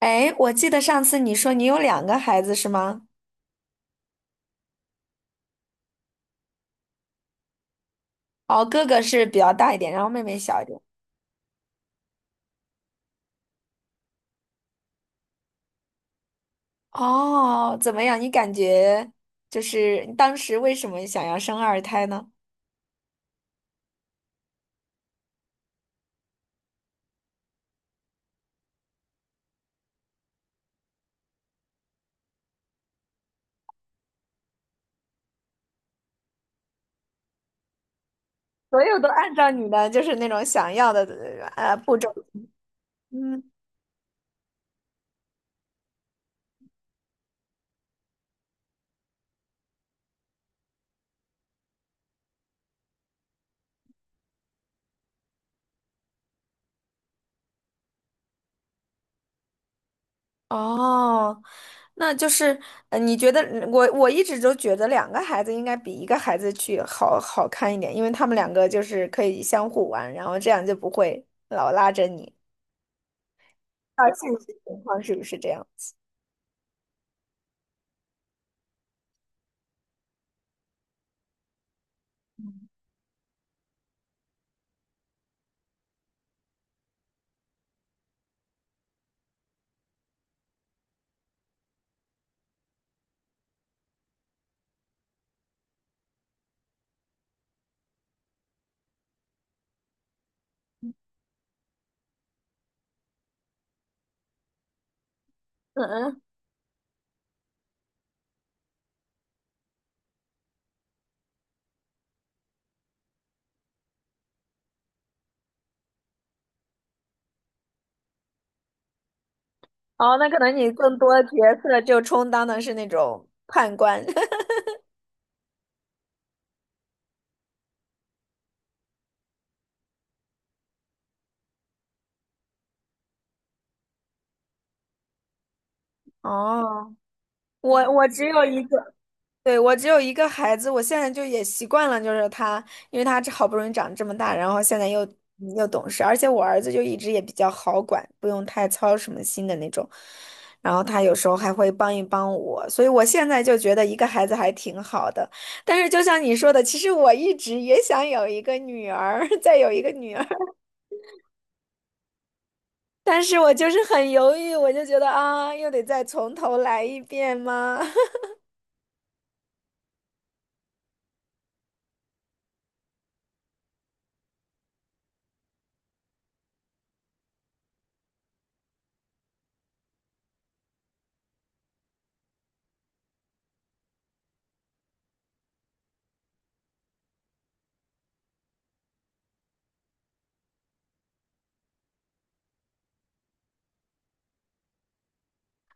哎，我记得上次你说你有两个孩子是吗？哦，哥哥是比较大一点，然后妹妹小一点。哦，怎么样？你感觉就是你当时为什么想要生二胎呢？所有都按照你的就是那种想要的步骤。嗯，哦，那就是你觉得我一直都觉得两个孩子应该比一个孩子去好好看一点，因为他们两个就是可以相互玩，然后这样就不会老拉着你。到现实情况是不是这样？嗯嗯，哦，那可能你更多角色就充当的是那种判官。哦，我只有一个，对，我只有一个孩子，我现在就也习惯了，就是他，因为他这好不容易长这么大，然后现在又又懂事，而且我儿子就一直也比较好管，不用太操什么心的那种，然后他有时候还会帮一帮我，所以我现在就觉得一个孩子还挺好的。但是就像你说的，其实我一直也想有一个女儿，再有一个女儿。但是我就是很犹豫，我就觉得啊，又得再从头来一遍吗？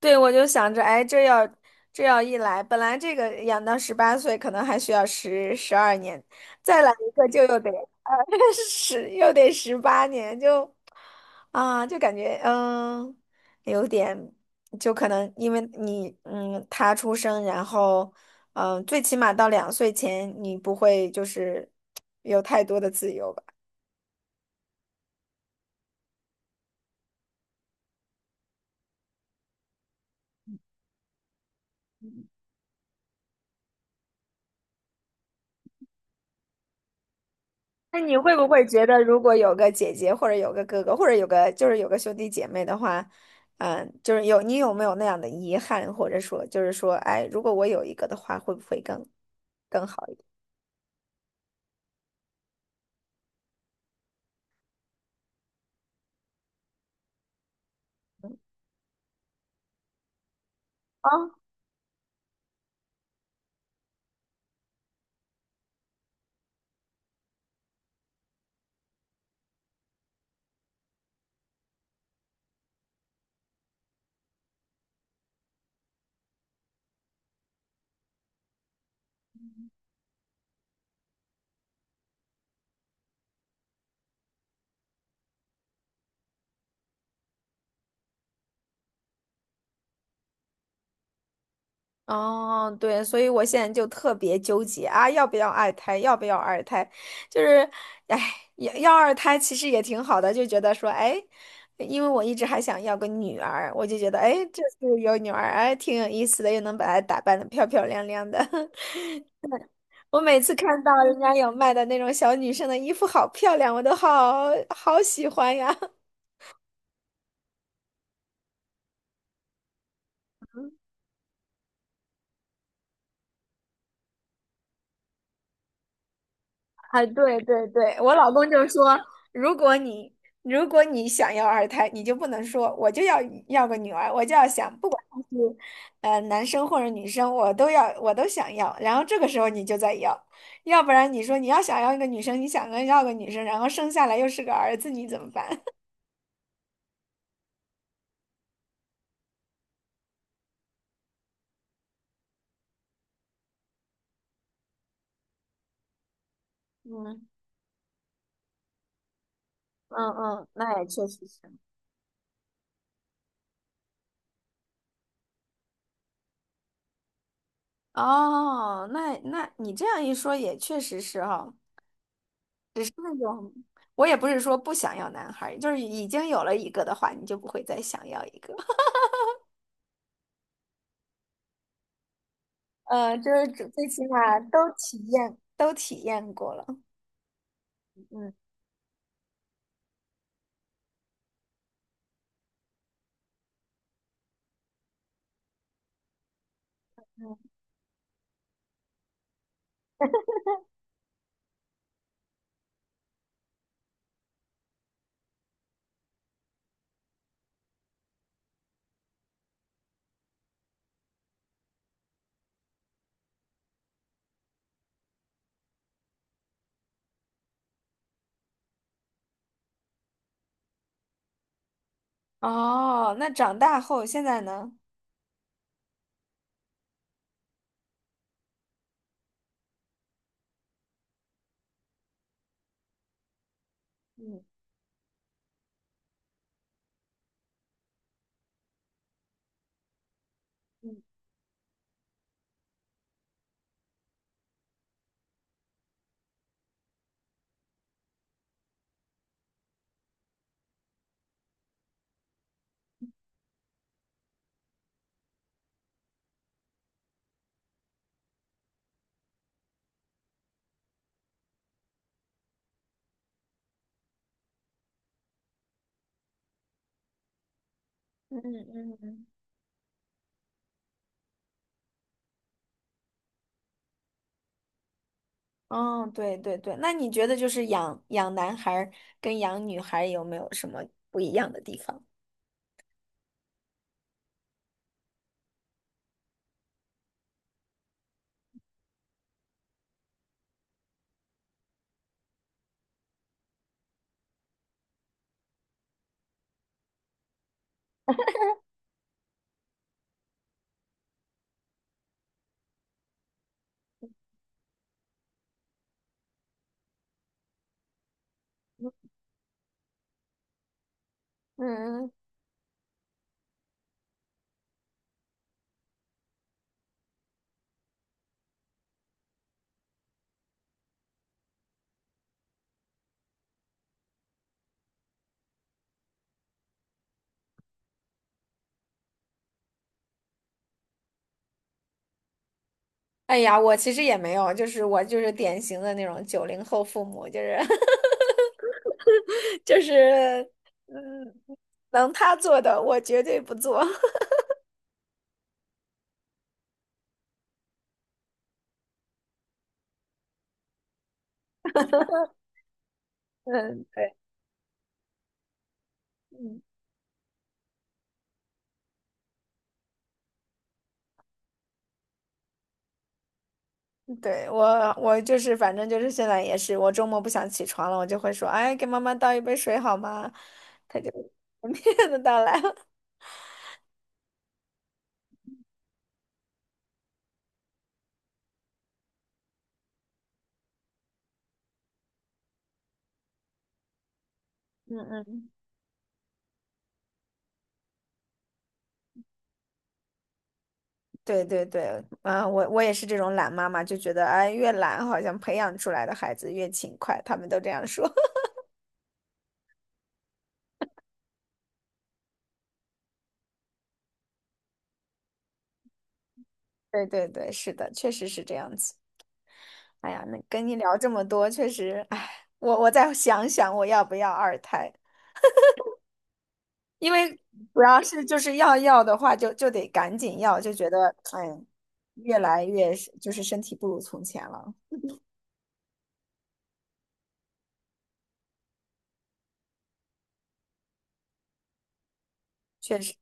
对，我就想着，哎，这要一来，本来这个养到18岁可能还需要十二年，再来一个就又得呃 又得18年，就啊，就感觉有点，就可能因为你他出生，然后嗯，最起码到2岁前，你不会就是有太多的自由吧。那你会不会觉得，如果有个姐姐或者有个哥哥，或者有个就是有个兄弟姐妹的话，嗯，就是你有没有那样的遗憾，或者说就是说，哎，如果我有一个的话，会不会更好一点？啊哦，对，所以我现在就特别纠结啊，要不要二胎？要不要二胎？就是，哎，要二胎其实也挺好的，就觉得说，哎，因为我一直还想要个女儿，我就觉得，哎，这次有女儿，哎，挺有意思的，又能把她打扮的漂漂亮亮的。我每次看到人家有卖的那种小女生的衣服，好漂亮，我都好好喜欢呀！啊，对对对，我老公就说，如果你如果你想要二胎，你就不能说我就要个女儿，我就要想，不管他是男生或者女生，我都想要。然后这个时候你就在要，要不然你说你要想要一个女生，你想要个女生，然后生下来又是个儿子，你怎么办？嗯嗯嗯，那也确实是。哦，那你这样一说也确实是哈，是那种我也不是说不想要男孩儿，就是已经有了一个的话，你就不会再想要一个。就是最最起码都体验过了。嗯，哦，那长大后现在呢？嗯嗯嗯嗯嗯。哦，对对对，那你觉得就是养男孩儿跟养女孩儿有没有什么不一样的地方？嗯哎呀，我其实也没有，就是我就是典型的那种90后父母，就是 就是嗯，能他做的我绝对不做。嗯，对，嗯，对，我就是反正就是现在也是，我周末不想起床了，我就会说，哎，给妈妈倒一杯水好吗？他就 的倒来了。嗯嗯，对对对，啊，我也是这种懒妈妈，就觉得哎，越懒好像培养出来的孩子越勤快，他们都这样说。对对对，是的，确实是这样子。哎呀，那跟你聊这么多，确实，哎，我再想想我要不要二胎，因为主要是就是要的话就得赶紧要，就觉得哎，越来越是就是身体不如从前了，确实，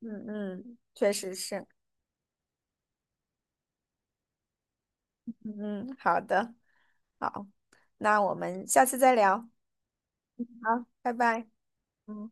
嗯嗯，确实是，嗯嗯，好的，好，那我们下次再聊，好，拜拜。嗯。